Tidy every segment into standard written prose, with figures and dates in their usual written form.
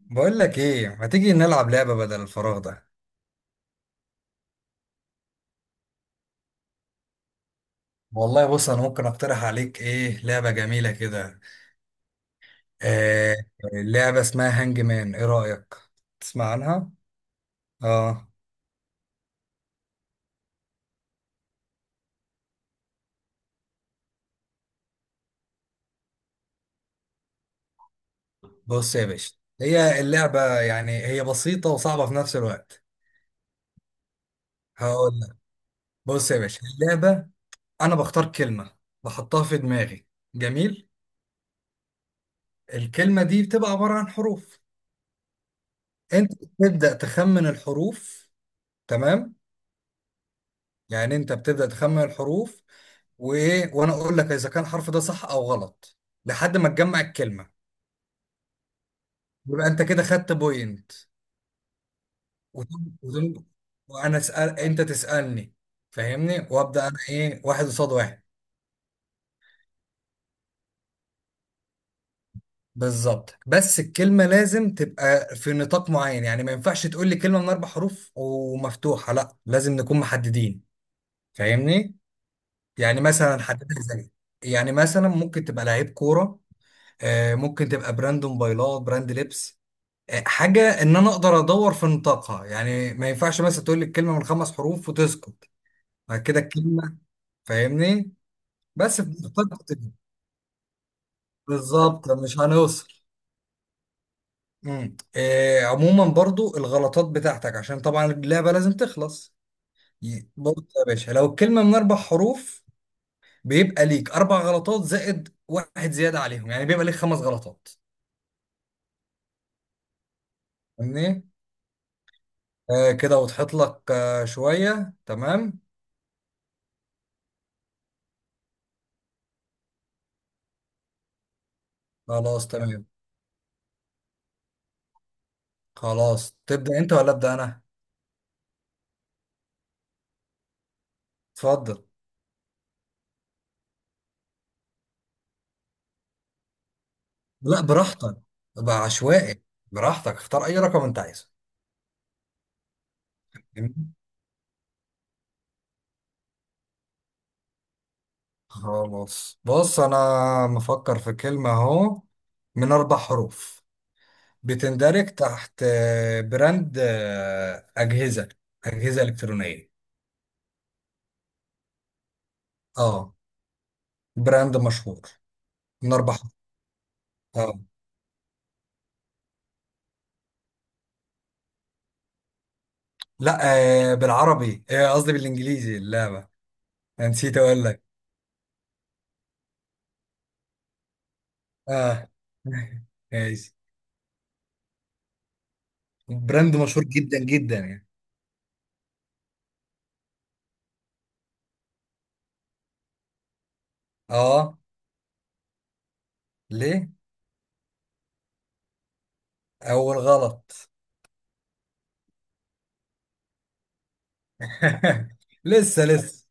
بقول لك ايه، ما تيجي نلعب لعبة بدل الفراغ ده. والله بص، انا ممكن اقترح عليك ايه لعبة جميلة كده. آه. لعبة اسمها هانج مان، ايه رأيك؟ تسمع عنها؟ اه. بص يا باشا، هي اللعبة يعني هي بسيطة وصعبة في نفس الوقت. هقول لك. بص يا باشا اللعبة، انا بختار كلمة، بحطها في دماغي. جميل. الكلمة دي بتبقى عبارة عن حروف. انت بتبدأ تخمن الحروف. تمام. يعني انت بتبدأ تخمن الحروف، وايه، وانا اقول لك اذا كان الحرف ده صح او غلط، لحد ما تجمع الكلمه، يبقى انت كده خدت بوينت. وتم- وتم- وانا اسال انت تسالني، فاهمني؟ وابدا انا ايه، واحد قصاد واحد. بالظبط. بس الكلمه لازم تبقى في نطاق معين، يعني ما ينفعش تقول لي كلمه من اربع حروف ومفتوحه، لا لازم نكون محددين. فاهمني؟ يعني مثلا حددها زي، يعني مثلا ممكن تبقى لعيب كوره، ممكن تبقى براند موبايلات، براند لبس، حاجة إن أنا أقدر أدور في نطاقها. يعني ما ينفعش مثلا تقول لي الكلمة من خمس حروف وتسكت. بعد كده الكلمة، فاهمني؟ بس في نطاق كده. بالظبط، مش هنوصل. إيه، عموما برضو الغلطات بتاعتك، عشان طبعا اللعبة لازم تخلص. برضو يا باشا لو الكلمة من أربع حروف، بيبقى ليك أربع غلطات زائد واحد زيادة عليهم، يعني بيبقى ليك خمس غلطات. فاهمني؟ آه كده وضحت لك شوية؟ تمام؟ خلاص، تمام. خلاص، تبدأ أنت ولا أبدأ أنا؟ اتفضل. لا براحتك، بقى عشوائي. براحتك، اختار اي رقم انت عايزه. جميل. خلاص، بص انا مفكر في كلمة اهو، من اربع حروف، بتندرج تحت براند اجهزة، اجهزة الكترونية. اه. براند مشهور. من اربع حروف. اه. لا. بالعربي، قصدي بالانجليزي اللعبة، انا نسيت اقول لك. اه. ماشي. براند مشهور جدا جدا يعني. اه. ليه؟ أول غلط. لسه لسه.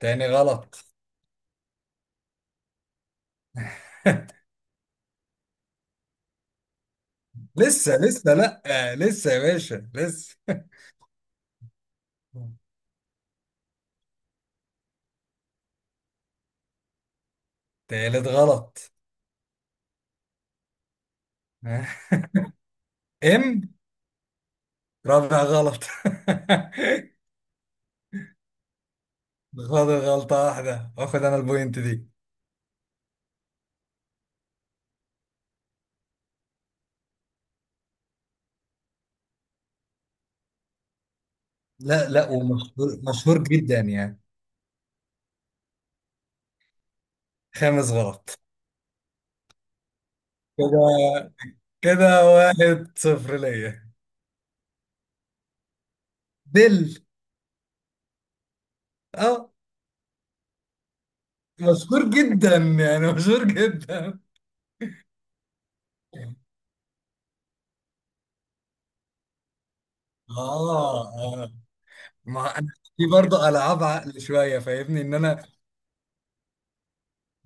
تاني غلط. لسه لسه، لأ لسه يا باشا لسه. تالت غلط. ام. رابع غلط. فاضل غلطة واحدة، واخد انا البوينت دي. لا لا، ومشهور مشهور جدا يعني. خامس غلط. كده، كده واحد صفر ليا. دل. اه. مشهور جدا يعني، مشهور جدا. اه. آه. ما انا في برضه العاب عقل شويه، فاهمني ان انا،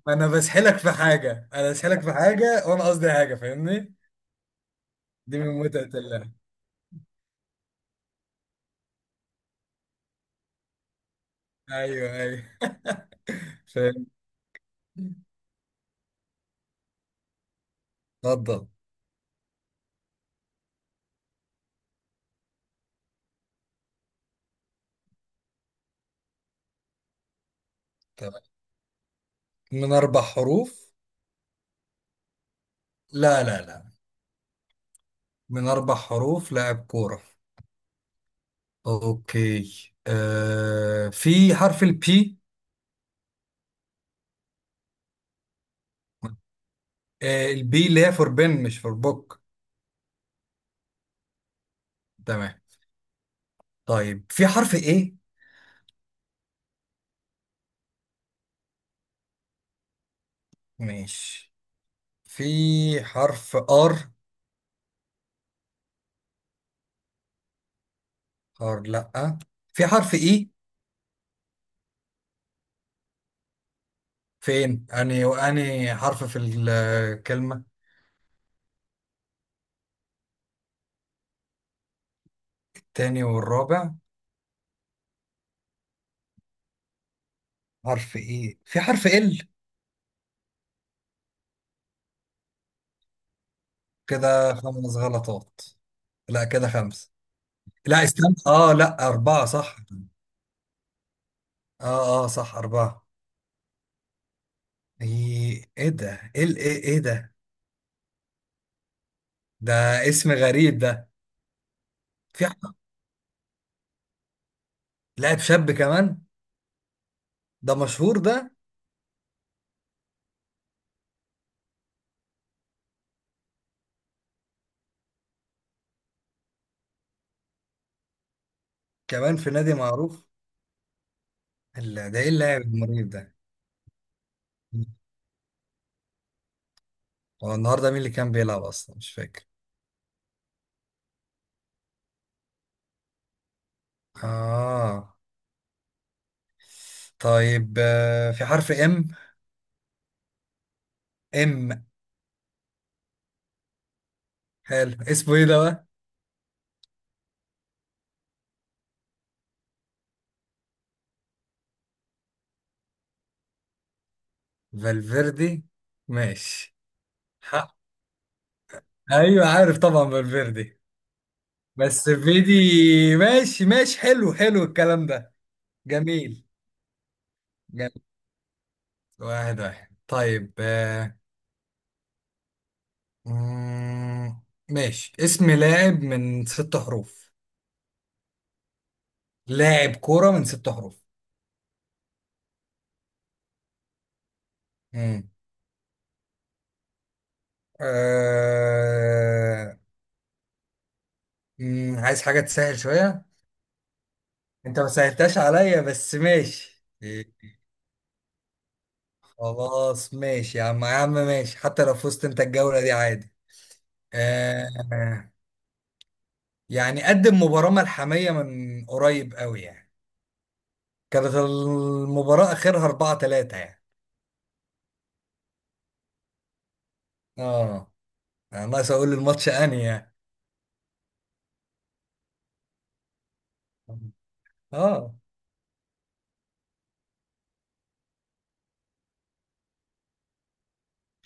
انا بسحلك في حاجه، انا بسحلك في حاجه وانا قصدي حاجه، فاهمني؟ دي من متعه اللعب. ايوه ايوه. فاهم. اتفضل. تمام، من اربع حروف. لا. من اربع حروف، لاعب كوره. اوكي. آه في حرف البي. آه البي اللي هي فور بن مش فور بوك. تمام. طيب في حرف ايه. ماشي. في حرف ار. حار؟ لا. في حرف اي. فين اني واني حرف في الكلمة؟ التاني والرابع. حرف اي. في حرف ال. كده خمس غلطات. لا كده خمس. لا استنى، اه لا أربعة صح. اه اه صح، أربعة. ايه ايه ده؟ ايه ايه ده ده؟ اسم غريب ده. في ح- لاعب شاب كمان؟ ده مشهور ده؟ كمان في نادي معروف؟ لا ده ايه اللاعب المريب ده. هو النهارده مين اللي كان بيلعب اصلا، مش فاكر. اه. طيب في حرف ام. ام. حلو، اسمه ايه ده بقى؟ فالفيردي. ماشي. حق. ايوه عارف طبعا، فالفيردي. بس فيدي. ماشي ماشي، حلو حلو الكلام ده. جميل. جميل. واحد واحد، طيب مم، ماشي. اسم لاعب من ست حروف. لاعب كورة من ست حروف. مم. آه... مم، عايز حاجة تسهل شوية؟ انت ما سهلتهاش عليا، بس ماشي خلاص ماشي يا عم، يا عم ماشي، حتى لو فزت انت الجولة دي عادي. آه. يعني قدم مباراة ملحمية من قريب قوي يعني، كانت المباراة اخرها 4-3 يعني. اه. انا ناقص اقول الماتش انهي يعني. اه.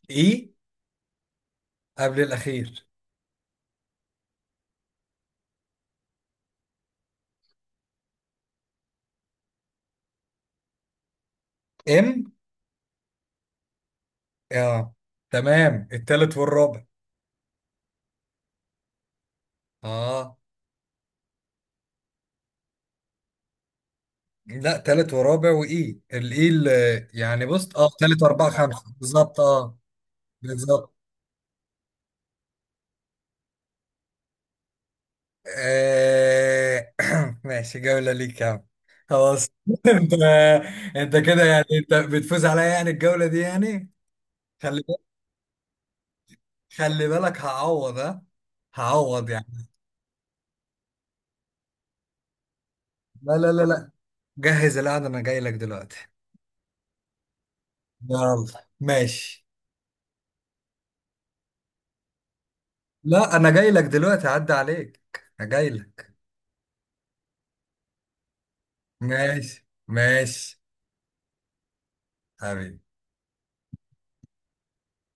ايه؟ قبل الاخير. ام. اه. تمام، التالت والرابع. اه. لا تالت ورابع وايه الايه اللي يعني بص اه تالت واربعة خمسة بالظبط، اه. بالظبط. آه... ماشي، جولة ليك يا عم. خلاص انت، انت كده يعني انت بتفوز عليا يعني الجولة دي يعني. خلي بالك، خلي بالك هعوض، ها هعوض يعني. لا. جهز القعدة انا جاي لك دلوقتي. يلا. ماشي. لا انا جاي لك دلوقتي، عدى عليك. انا جاي لك. ماشي ماشي. حبيبي.